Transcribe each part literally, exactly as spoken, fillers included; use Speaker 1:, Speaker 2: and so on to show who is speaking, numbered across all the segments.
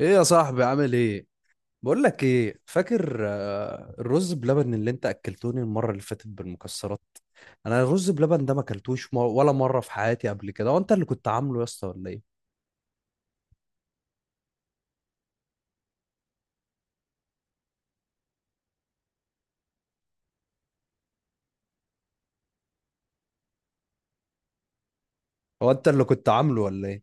Speaker 1: ايه يا صاحبي عامل ايه؟ بقول لك ايه، فاكر آه، الرز بلبن اللي انت اكلتوني المره اللي فاتت بالمكسرات؟ انا الرز بلبن ده ما اكلتوش مر- ولا مره في حياتي قبل كده. هو انت اللي كنت عامله يا اسطى ولا ايه؟ هو انت اللي كنت عامله ولا ايه؟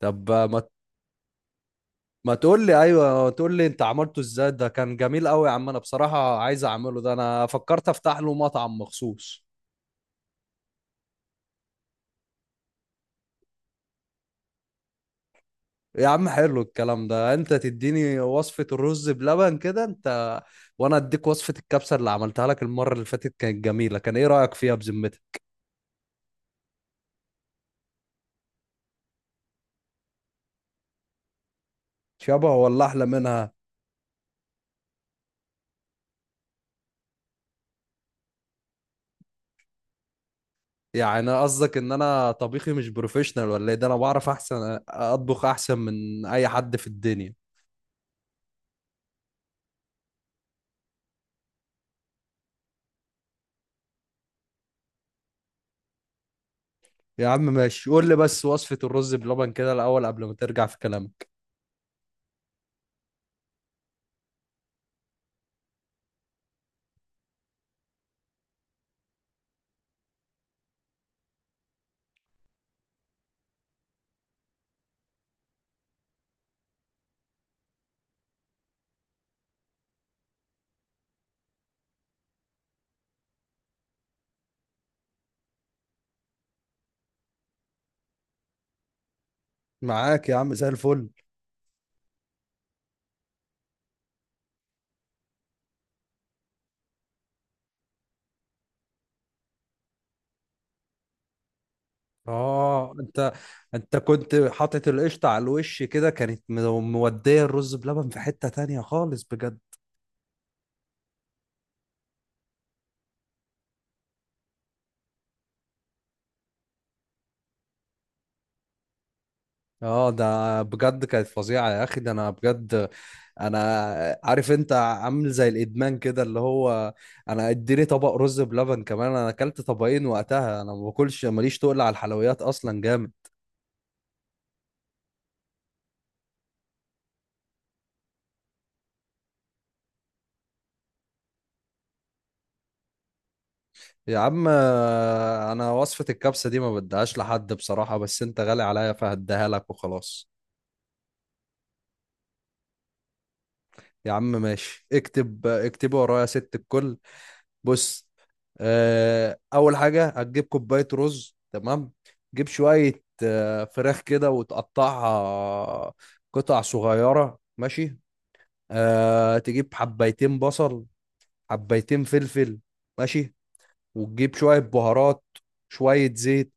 Speaker 1: طب آه، ما ما تقول لي ايوه، تقول لي انت عملته ازاي. ده كان جميل قوي يا عم، انا بصراحه عايز اعمله. ده انا فكرت افتح له مطعم مخصوص. يا عم حلو الكلام ده، انت تديني وصفة الرز بلبن كده، انت وانا اديك وصفة الكبسة اللي عملتها لك المرة اللي فاتت. كانت جميلة، كان ايه رأيك فيها بذمتك؟ شبه ولا احلى منها؟ يعني قصدك ان انا طبيخي مش بروفيشنال ولا ايه؟ ده انا بعرف، احسن اطبخ احسن من اي حد في الدنيا. يا عم ماشي، قول لي بس وصفة الرز بلبن كده الاول قبل ما ترجع في كلامك. معاك يا عم، زي الفل. اه، انت انت كنت حاطط القشطة على الوش كده، كانت مو- مودية الرز بلبن في حتة تانية خالص، بجد. اه ده بجد كانت فظيعة يا اخي، ده انا بجد انا عارف انت عامل زي الادمان كده، اللي هو انا اديني طبق رز بلبن كمان. انا اكلت طبقين وقتها، انا ما باكلش، ماليش تقل على الحلويات اصلا، جامد. يا عم آه، انا وصفة الكبسة دي ما بديهاش لحد بصراحة، بس انت غالي عليا فهديها لك وخلاص. يا عم ماشي، اكتب اكتبي ورايا يا ست الكل. بص، آه، اول حاجه هتجيب كوبايه رز، تمام. جيب شويه آه، فراخ كده وتقطعها قطع صغيره، ماشي. أه، تجيب حبايتين بصل، حبايتين فلفل، ماشي. وتجيب شويه بهارات، شويه زيت.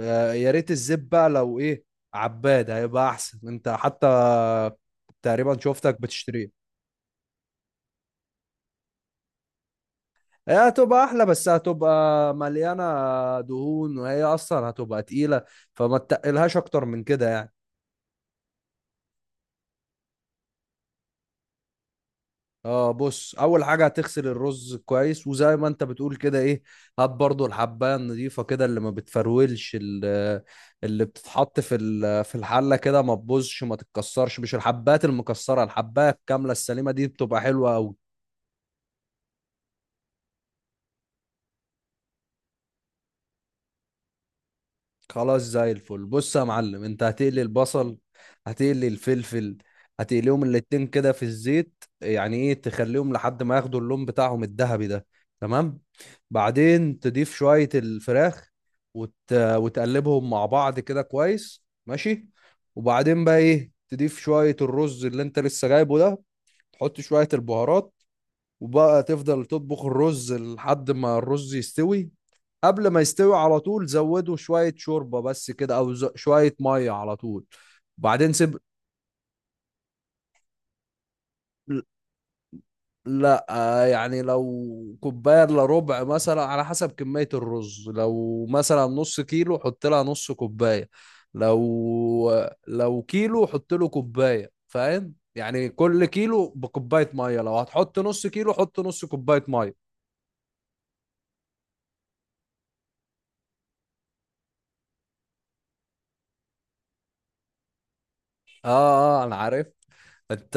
Speaker 1: آه، يا ريت الزيت بقى لو ايه عباد، هيبقى احسن. انت حتى تقريبا شفتك بتشتري. هي هتبقى احلى بس هتبقى مليانه دهون، وهي اصلا هتبقى تقيله، فما تقلهاش اكتر من كده يعني. اه بص، اول حاجه هتغسل الرز كويس، وزي ما انت بتقول كده، ايه، هات برضو الحبايه النظيفه كده اللي ما بتفرولش ال- اللي بتتحط في ال- في الحله كده، ما تبوظش ما تتكسرش، مش الحبات المكسره، الحبايه الكامله السليمه دي بتبقى حلوه قوي. خلاص زي الفل. بص يا معلم، انت هتقلي البصل، هتقلي الفلفل، هتقليهم الاتنين كده في الزيت، يعني ايه، تخليهم لحد ما ياخدوا اللون بتاعهم الذهبي ده، تمام. بعدين تضيف شوية الفراخ، وت... وتقلبهم مع بعض كده كويس، ماشي. وبعدين بقى، ايه، تضيف شوية الرز اللي انت لسه جايبه ده، تحط شوية البهارات، وبقى تفضل تطبخ الرز لحد ما الرز يستوي. قبل ما يستوي على طول زودوا شوية شوربة بس كده، أو ز... شوية مية على طول، وبعدين سيب. لا، آه، يعني لو كوباية إلا ربع مثلا، على حسب كمية الرز. لو مثلا نص كيلو حط لها نص كوباية، لو لو كيلو حط له كوباية، فاهم؟ يعني كل كيلو بكوباية مية. لو هتحط نص كيلو حط نص كوباية مية. اه اه، انا عارف. انت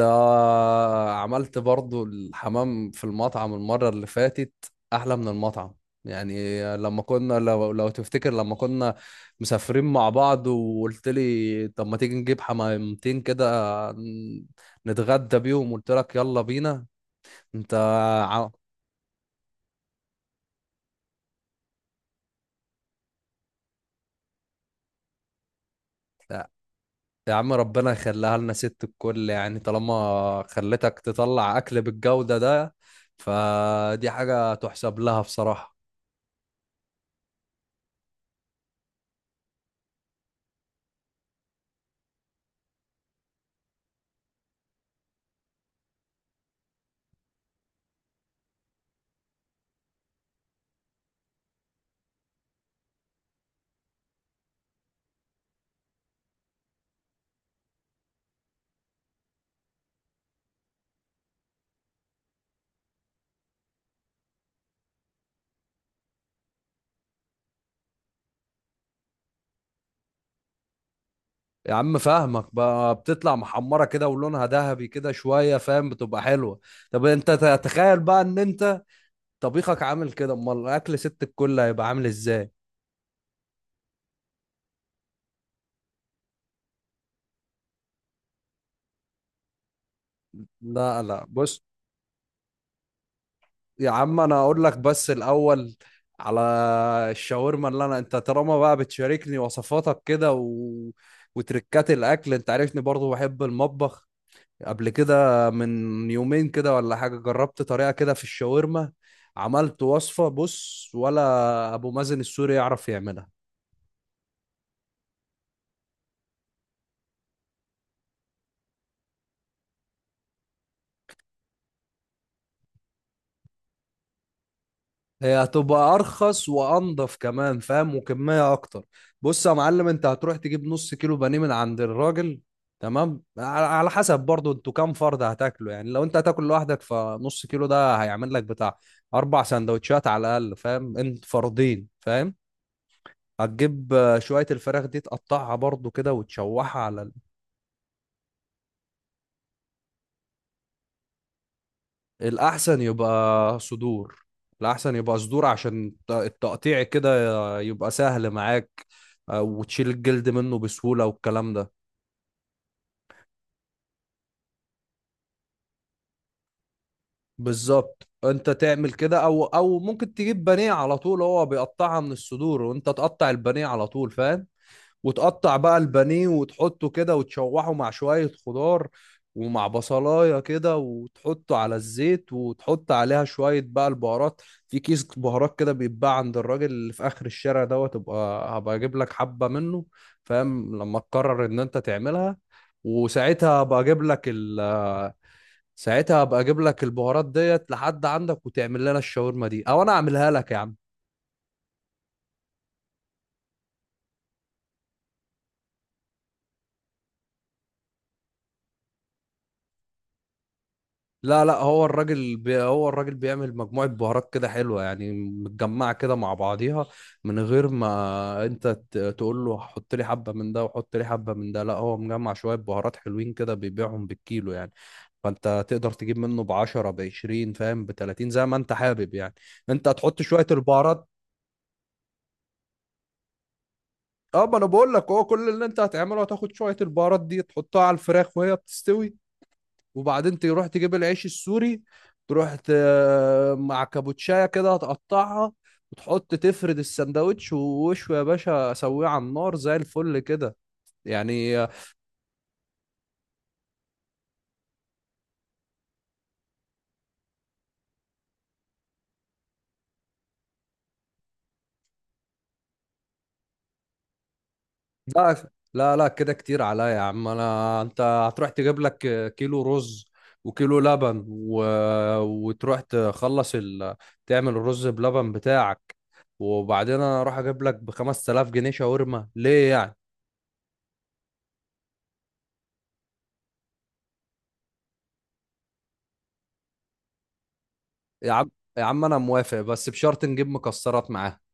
Speaker 1: عملت برضو الحمام في المطعم المرة اللي فاتت احلى من المطعم. يعني لما كنا، لو, لو تفتكر لما كنا مسافرين مع بعض وقلت لي طب ما تيجي نجيب حمامتين كده، ن- نتغدى بيهم، قلت لك يلا بينا. انت ع- يا عم ربنا يخليها لنا ست الكل، يعني طالما خلتك تطلع اكل بالجودة ده، فدي حاجة تحسب لها بصراحة. يا عم فاهمك بقى، بتطلع محمرة كده ولونها ذهبي كده شوية، فاهم، بتبقى حلوة. طب انت تتخيل بقى ان انت طبيخك عامل كده، امال الاكل ست الكل هيبقى عامل ازاي؟ لا لا بص، يا عم انا اقول لك بس الاول على الشاورما اللي انا، انت طالما بقى بتشاركني وصفاتك كده و... وتركات الاكل، انت عارفني برضو بحب المطبخ. قبل كده من يومين كده ولا حاجة جربت طريقة كده في الشاورما، عملت وصفة بص ولا أبو مازن السوري يعرف يعملها. هي هتبقى أرخص وأنضف كمان، فاهم، وكمية أكتر. بص يا معلم، أنت هتروح تجيب نص كيلو بانيه من عند الراجل، تمام، على على حسب برضو انتوا كام فرد هتاكلوا. يعني لو انت هتاكل لوحدك فنص كيلو ده هيعمل لك بتاع أربع سندوتشات على الأقل، فاهم؟ انت فردين فاهم. هتجيب آه، شوية الفراخ دي تقطعها برضو كده وتشوحها على ال... الأحسن يبقى صدور. الأحسن يبقى صدور عشان الت- التقطيع كده يبقى سهل معاك، آه، وتشيل الجلد منه بسهولة والكلام ده. بالظبط، انت تعمل كده، او او ممكن تجيب بانيه على طول، هو بيقطعها من الصدور، وانت تقطع البانيه على طول فاهم. وتقطع بقى البانيه وتحطه كده وتشوحه مع شوية خضار، ومع بصلاية كده، وتحطه على الزيت، وتحط عليها شوية بقى البهارات. في كيس بهارات كده بيتباع عند الراجل اللي في آخر الشارع دوت، تبقى هبقى أجيب لك حبة منه فاهم، لما تقرر إن أنت تعملها. وساعتها هبقى أجيب لك ال ساعتها هبقى أجيب لك البهارات ديت لحد عندك، وتعمل لنا الشاورما دي أو أنا أعملها لك يا عم. لا لا، هو الراجل بي هو الراجل بيعمل مجموعة بهارات كده حلوة، يعني متجمعة كده مع بعضيها، من غير ما انت ت- تقول له حط لي حبة من ده وحط لي حبة من ده. لا، هو مجمع شوية بهارات حلوين كده بيبيعهم بالكيلو يعني. فانت تقدر تجيب منه بعشرة، بعشرين فاهم، بتلاتين، زي ما انت حابب يعني. انت هتحط شوية البهارات. اه ما انا بقول لك، هو كل اللي انت هتعمله هتاخد شوية البهارات دي تحطها على الفراخ وهي بتستوي. وبعدين تروح تجيب العيش السوري، تروح ت... مع كابوتشايه كده هتقطعها، وتحط تفرد السندوتش، ووشه يا باشا سويه على النار زي الفل كده يعني. لا، لا لا كده كتير عليا يا عم. انا، انت هتروح تجيب لك كيلو رز وكيلو لبن و... وتروح تخلص ال... تعمل الرز بلبن بتاعك، وبعدين انا اروح اجيب لك ب خمسة آلاف جنيه شاورما، ليه يعني؟ يا عم يا عم انا موافق بس بشرط نجيب مكسرات معاها.